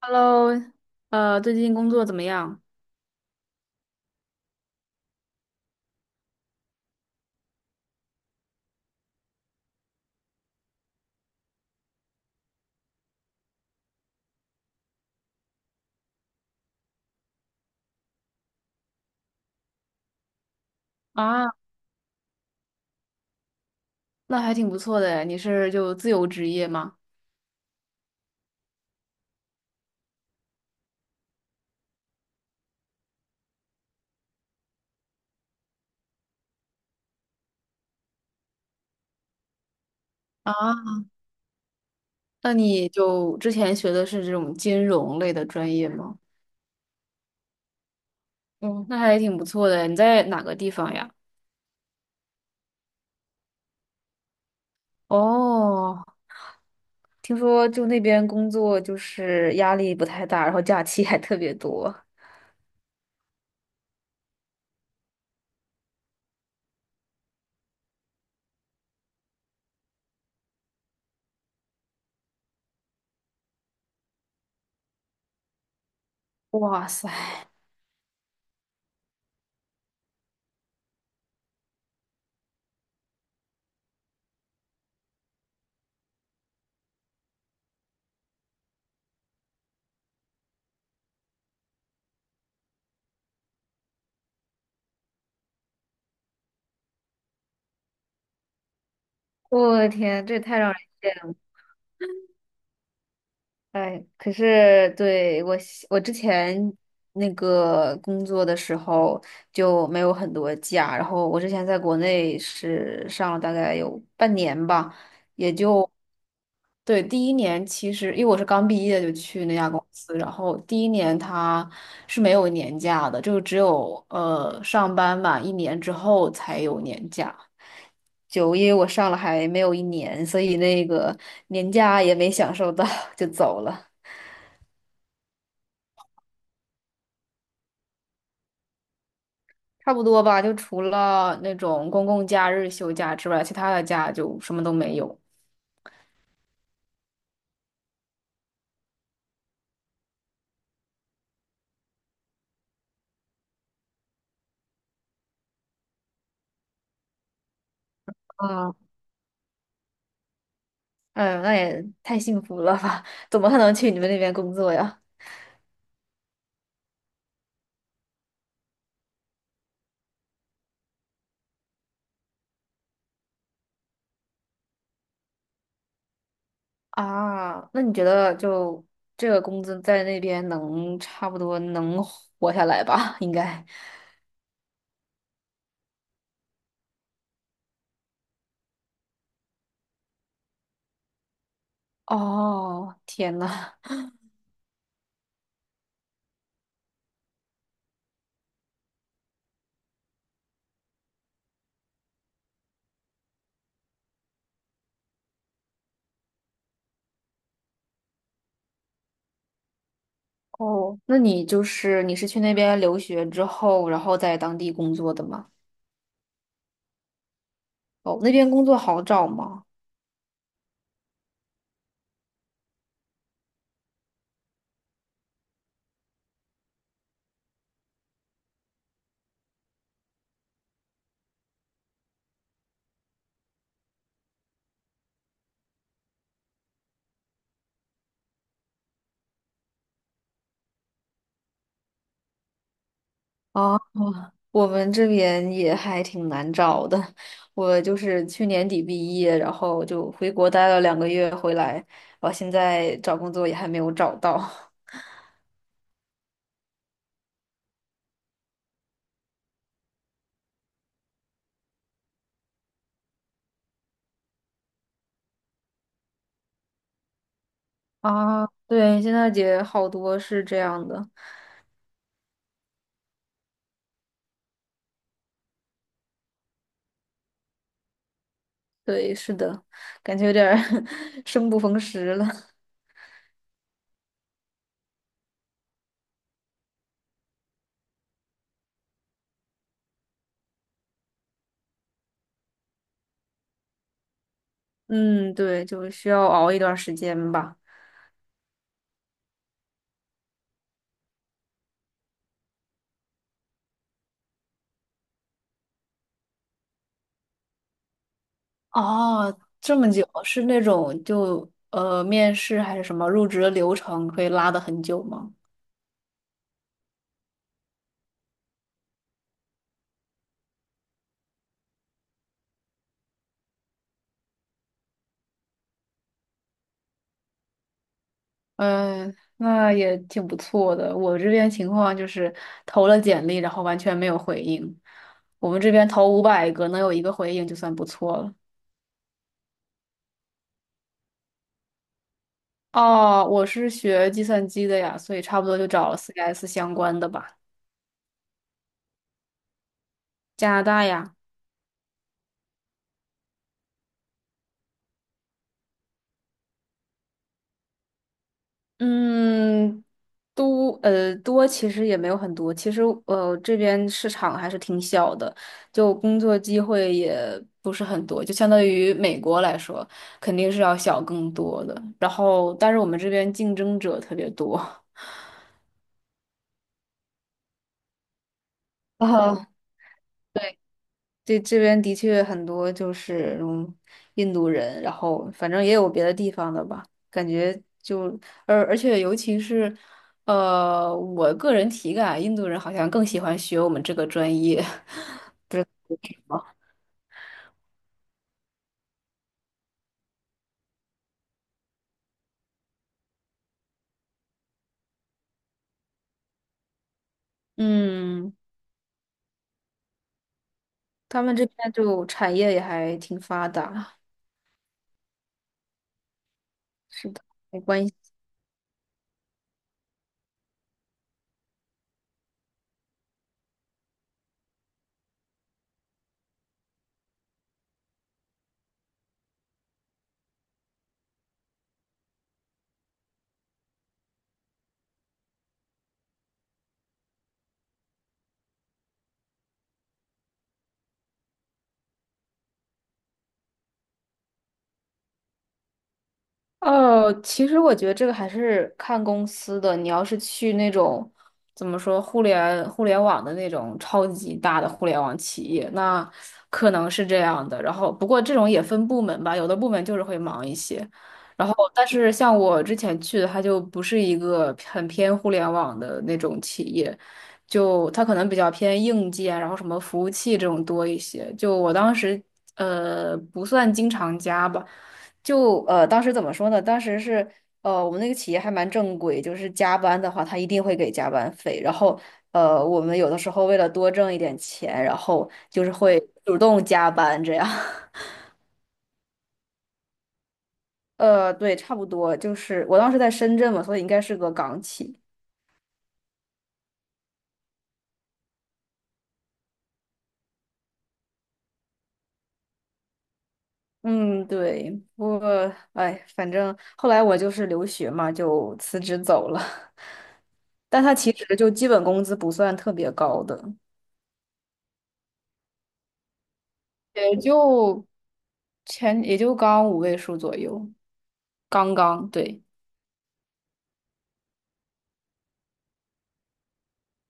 Hello，最近工作怎么样？啊，那还挺不错的诶，你是就自由职业吗？啊，那你就之前学的是这种金融类的专业吗？嗯，那还挺不错的诶你在哪个地方呀？哦，听说就那边工作就是压力不太大，然后假期还特别多。哇塞，我的天，这也太让人羡慕了。哎，可是对我之前那个工作的时候就没有很多假，然后我之前在国内是上了大概有半年吧，也就对第一年，其实因为我是刚毕业就去那家公司，然后第一年他是没有年假的，就只有上班满一年之后才有年假。就因为我上了还没有一年，所以那个年假也没享受到，就走了。差不多吧，就除了那种公共假日休假之外，其他的假就什么都没有。啊，嗯，那也太幸福了吧？怎么还能去你们那边工作呀？啊，那你觉得就这个工资在那边能差不多能活下来吧？应该。哦，天呐，哦，那你就是你是去那边留学之后，然后在当地工作的吗？哦，那边工作好找吗？哦，我们这边也还挺难找的。我就是去年底毕业，然后就回国待了2个月，回来，我现在找工作也还没有找到。啊，对，现在也好多是这样的。对，是的，感觉有点儿 生不逢时了。嗯，对，就需要熬一段时间吧。哦，这么久，是那种就面试还是什么入职的流程可以拉的很久吗？嗯，那也挺不错的。我这边情况就是投了简历，然后完全没有回应。我们这边投500个，能有一个回应就算不错了。哦，我是学计算机的呀，所以差不多就找了 CS 相关的吧。加拿大呀，嗯，都多其实也没有很多，其实这边市场还是挺小的，就工作机会也不是很多，就相当于美国来说，肯定是要小更多的。然后，但是我们这边竞争者特别多。啊，对，这边的确很多就是印度人，然后反正也有别的地方的吧，感觉就而且尤其是，我个人体感啊，印度人好像更喜欢学我们这个专业，嗯，他们这边就产业也还挺发达，是的，没关系。哦，其实我觉得这个还是看公司的。你要是去那种怎么说互联网的那种超级大的互联网企业，那可能是这样的。然后，不过这种也分部门吧，有的部门就是会忙一些。然后，但是像我之前去的，它就不是一个很偏互联网的那种企业，就它可能比较偏硬件，然后什么服务器这种多一些。就我当时不算经常加吧。就当时怎么说呢？当时是我们那个企业还蛮正规，就是加班的话，他一定会给加班费。然后我们有的时候为了多挣一点钱，然后就是会主动加班这样。对，差不多，就是我当时在深圳嘛，所以应该是个港企。嗯，对，不过哎，反正后来我就是留学嘛，就辞职走了。但他其实就基本工资不算特别高的。也就刚5位数左右，刚刚对，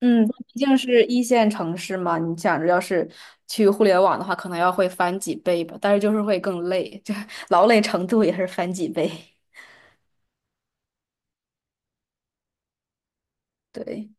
嗯，毕竟是一线城市嘛，你想着要是去互联网的话，可能要会翻几倍吧，但是就是会更累，就 劳累程度也是翻几倍。对，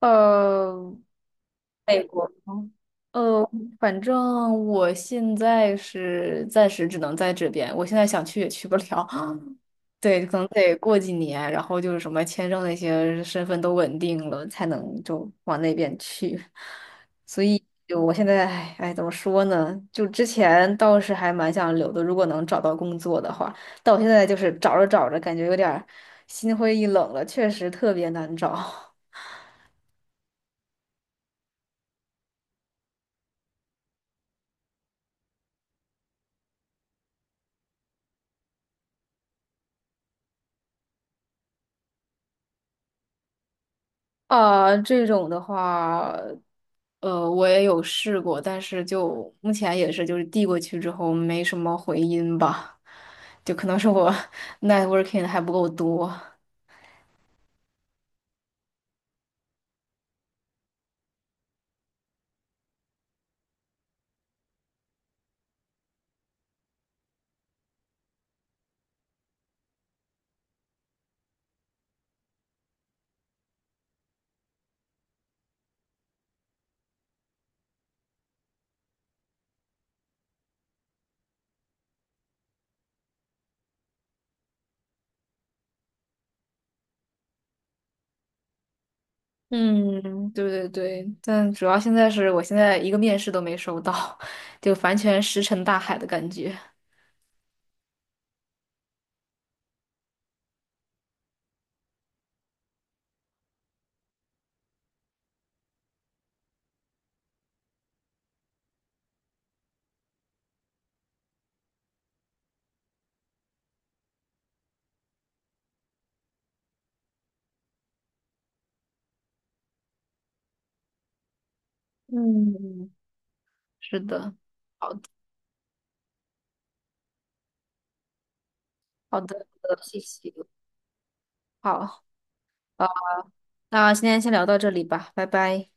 呃，美国吗，呃，反正我现在是暂时只能在这边，我现在想去也去不了，对，可能得过几年，然后就是什么签证那些身份都稳定了，才能就往那边去。所以就我现在，哎，哎怎么说呢？就之前倒是还蛮想留的，如果能找到工作的话。但我现在就是找着找着，感觉有点儿心灰意冷了，确实特别难找。啊，这种的话。我也有试过，但是就目前也是，就是递过去之后没什么回音吧，就可能是我 networking 还不够多。嗯，对对对，但主要现在是我现在一个面试都没收到，就完全石沉大海的感觉。嗯 是的，好的，好的，谢谢。好，那今天先聊到这里吧，拜拜。